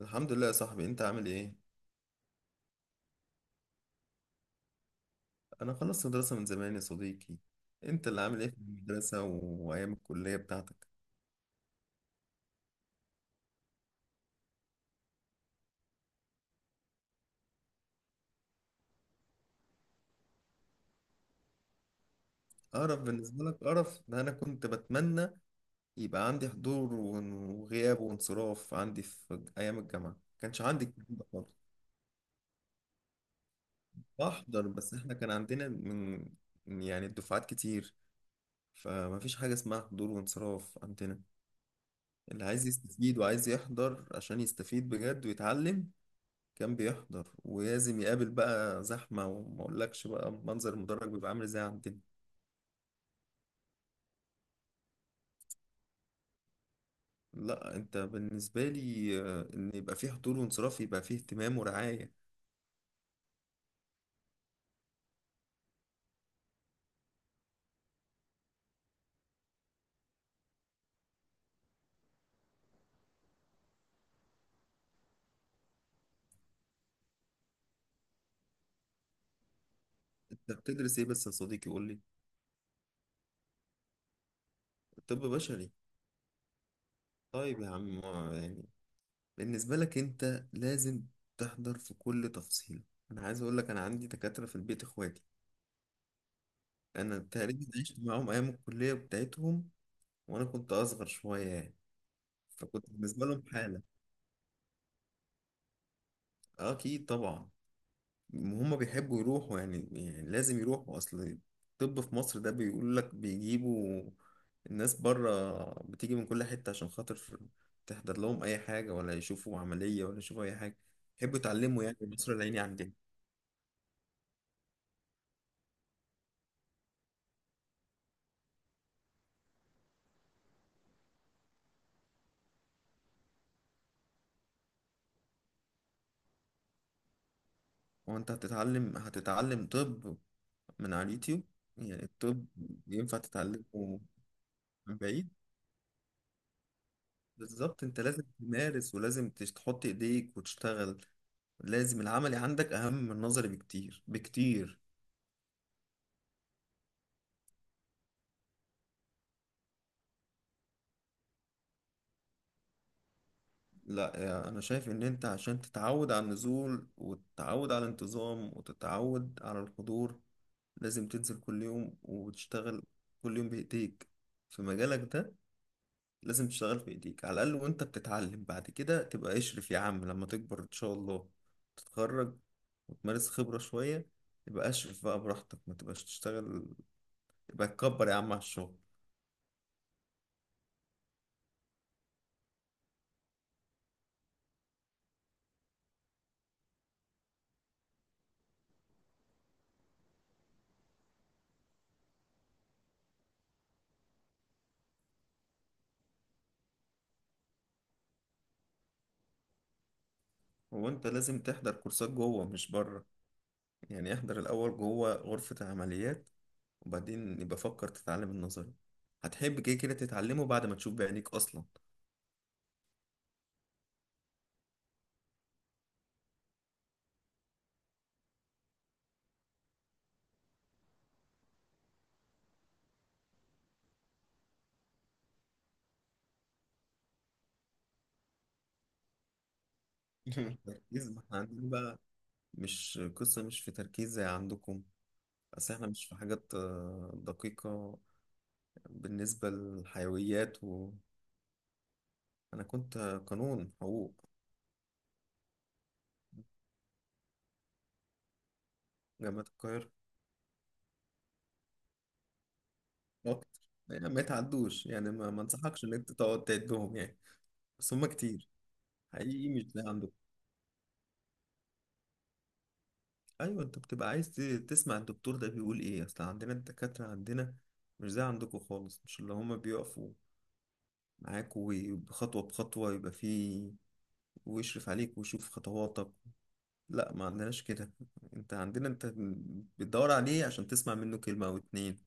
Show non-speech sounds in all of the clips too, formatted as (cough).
الحمد لله يا صاحبي، انت عامل ايه؟ انا خلصت دراسة من زمان يا صديقي. انت اللي عامل ايه في المدرسة وايام الكلية بتاعتك؟ قرف بالنسبة لك؟ قرف ده انا كنت بتمنى يبقى عندي حضور وغياب وانصراف. عندي في ايام الجامعة كانش عندي الكلام ده خالص. بحضر، بس احنا كان عندنا من يعني الدفعات كتير، فما فيش حاجة اسمها حضور وانصراف عندنا. اللي عايز يستفيد وعايز يحضر عشان يستفيد بجد ويتعلم كان بيحضر، ولازم يقابل بقى زحمة، وما اقولكش بقى منظر المدرج بيبقى عامل ازاي عندنا. لا، انت بالنسبة لي ان يبقى فيه حضور وانصراف يبقى فيه اهتمام ورعاية. انت بتدرس ايه بس يا صديقي؟ قول لي. طب بشري؟ طيب يا عم، يعني بالنسبة لك انت لازم تحضر في كل تفصيلة. انا عايز اقول لك، انا عندي دكاترة في البيت، اخواتي. انا تقريبا عشت معاهم ايام الكلية بتاعتهم، وانا كنت اصغر شوية يعني، فكنت بالنسبة لهم حالة. اكيد طبعا هم بيحبوا يروحوا يعني, يعني لازم يروحوا. اصل الطب في مصر ده بيقول لك بيجيبوا الناس بره، بتيجي من كل حتة عشان خاطر تحضر لهم اي حاجة، ولا يشوفوا عملية، ولا يشوفوا اي حاجة. يحبوا يتعلموا يعني، مصر العيني عندنا. هو انت هتتعلم طب من على اليوتيوب؟ يعني الطب ينفع تتعلمه من بعيد؟ بالظبط، انت لازم تمارس، ولازم تحط ايديك وتشتغل. لازم العملي عندك اهم من النظري بكتير بكتير. لا، يعني انا شايف ان انت عشان تتعود على النزول، وتتعود على الانتظام، وتتعود على الحضور، لازم تنزل كل يوم وتشتغل كل يوم بايديك في مجالك ده. لازم تشتغل بايديك على الاقل وانت بتتعلم. بعد كده تبقى اشرف يا عم لما تكبر، ان شاء الله تتخرج وتمارس خبرة شوية، يبقى اشرف بقى براحتك. ما تبقاش تشتغل يبقى تكبر يا عم على الشغل. وانت لازم تحضر كورسات جوه مش بره. يعني احضر الاول جوه غرفة العمليات، وبعدين يبقى فكر تتعلم النظري. هتحب كده كده تتعلمه بعد ما تشوف بعينيك أصلا. (laughs) تركيز؟ ما احنا عندنا بقى مش قصة، مش في تركيز زي عندكم. بس احنا مش في حاجات دقيقة بالنسبة للحيويات و... أنا كنت قانون، حقوق. جامعة القاهرة. أكتر، يعني ما يتعدوش يعني، ما انصحكش إن أنت تقعد تعدهم يعني، بس هما كتير. حقيقي مش زي عندكم. ايوه، انت بتبقى عايز تسمع الدكتور ده بيقول ايه. اصل عندنا الدكاترة عندنا مش زي عندكم خالص، مش اللي هما بيقفوا معاك وخطوة بخطوة يبقى فيه، ويشرف عليك، ويشوف خطواتك. لا، ما عندناش كده. انت عندنا انت بتدور عليه عشان تسمع منه كلمة او اتنين،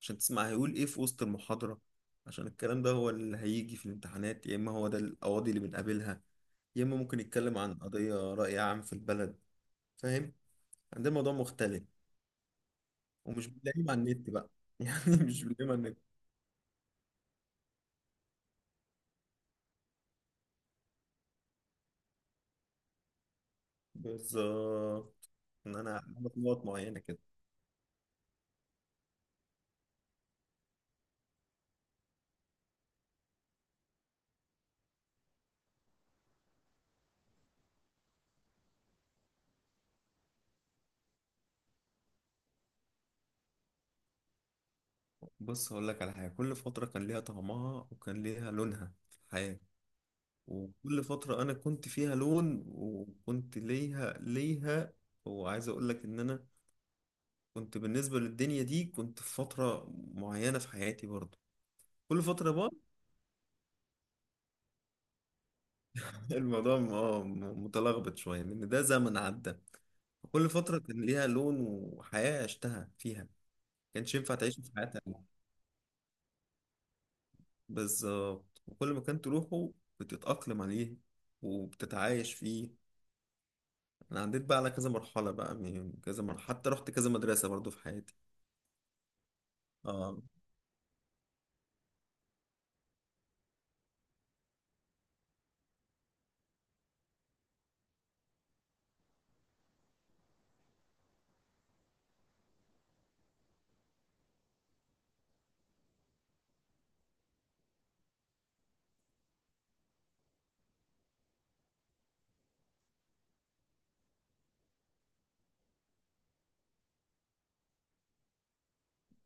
عشان تسمع هيقول ايه في وسط المحاضرة، عشان الكلام ده هو اللي هيجي في الامتحانات، يا اما هو ده القواضي اللي بنقابلها، يا اما ممكن يتكلم عن قضية رأي عام في البلد. فاهم؟ عندنا الموضوع مختلف. ومش بتلاقيهم على النت بقى (laughs) يعني مش بتلاقيهم على النت. بالظبط، ان انا عامل نقط معينه كده. بص هقول لك على حاجه، كل فتره كان ليها طعمها، وكان ليها لونها في الحياه، وكل فتره انا كنت فيها لون، وكنت ليها وعايز اقول لك ان انا كنت بالنسبه للدنيا دي كنت في فتره معينه في حياتي برضو. كل فتره بقى (laughs) الموضوع متلخبط شويه لان ده زمن عدى. كل فترة كان ليها لون وحياة عشتها فيها، كانش ينفع تعيش في حياة تانية. بالظبط، وكل ما كان تروحه بتتأقلم عليه، وبتتعايش فيه. أنا عديت بقى على كذا مرحلة، بقى من كذا مرحلة، حتى رحت كذا مدرسة برضو في حياتي. اه.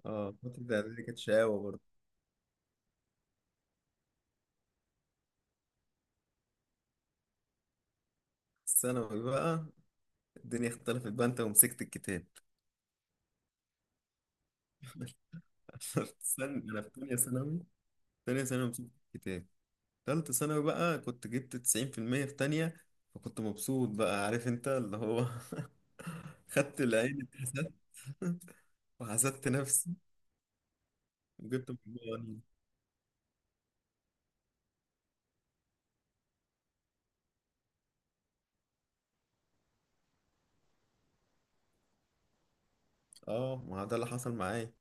اه فترة الإعدادية كانت شقاوة برضو. الثانوي بقى الدنيا اختلفت بقى، أنت ومسكت الكتاب. (laughs) استنى، أنا في تانية ثانوي. تانية ثانوي مسكت الكتاب، تالتة ثانوي بقى. كنت جبت 90% في المية في تانية، فكنت مبسوط بقى. عارف أنت اللي هو (laughs) خدت العين، اتحسدت، وحسدت نفسي، وجبت مجموعة قليلة. اه، ما ده اللي حصل معايا.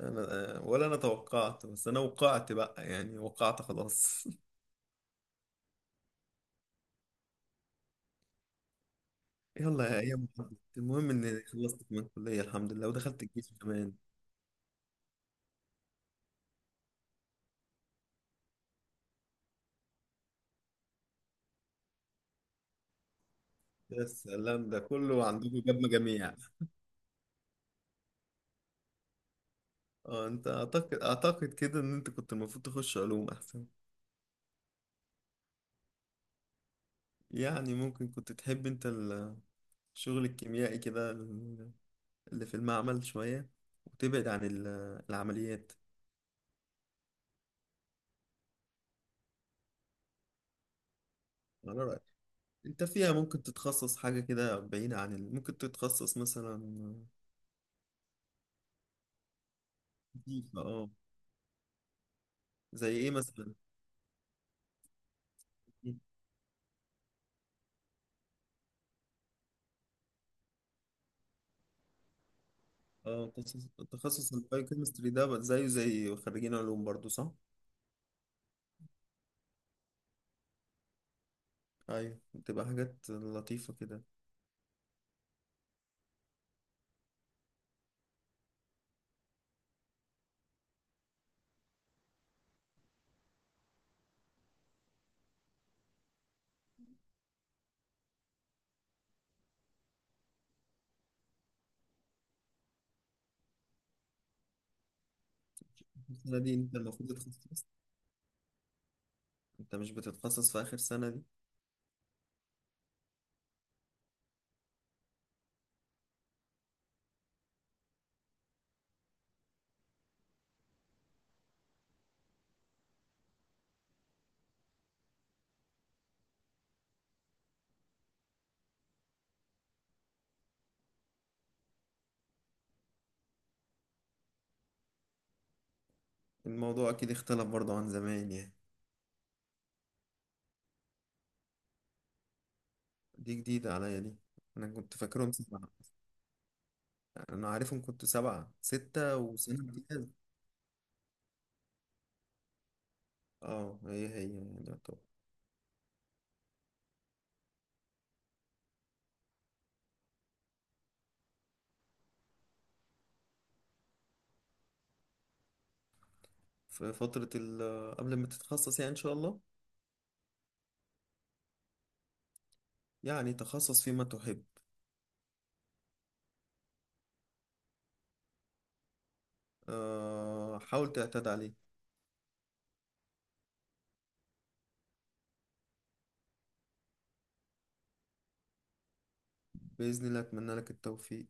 انا ولا انا توقعت، بس انا وقعت بقى، يعني وقعت خلاص. (laughs) يلا يا ايام عدت. المهم اني خلصت من الكلية الحمد لله، ودخلت الجيش كمان. يا سلام، ده كله عندكم جاب مجاميع. اه، انت اعتقد كده ان انت كنت المفروض تخش علوم احسن. يعني ممكن كنت تحب انت الشغل الكيميائي كده، اللي في المعمل شوية، وتبعد عن العمليات. على رأيك، انت فيها ممكن تتخصص حاجة كده بعيدة عن ال... ممكن تتخصص مثلا نظيفة، اه. زي ايه مثلا؟ اه، تخصص البايوكيمستري ده بقى زيه زي خريجين علوم برضو، صح؟ ايوه، بتبقى حاجات لطيفة كده. السنة دي انت المفروض تتخصص. انت مش بتتخصص في اخر سنة دي؟ الموضوع اكيد اختلف برضو عن زمان يعني. دي جديدة عليا دي، انا كنت فاكرهم سبعة. انا عارفهم كنت سبعة، ستة وسنة امتياز. اه هي هي يعني. في فترة قبل ما تتخصص يعني إن شاء الله، يعني تخصص فيما تحب. حاول تعتاد عليه. بإذن الله أتمنى لك التوفيق.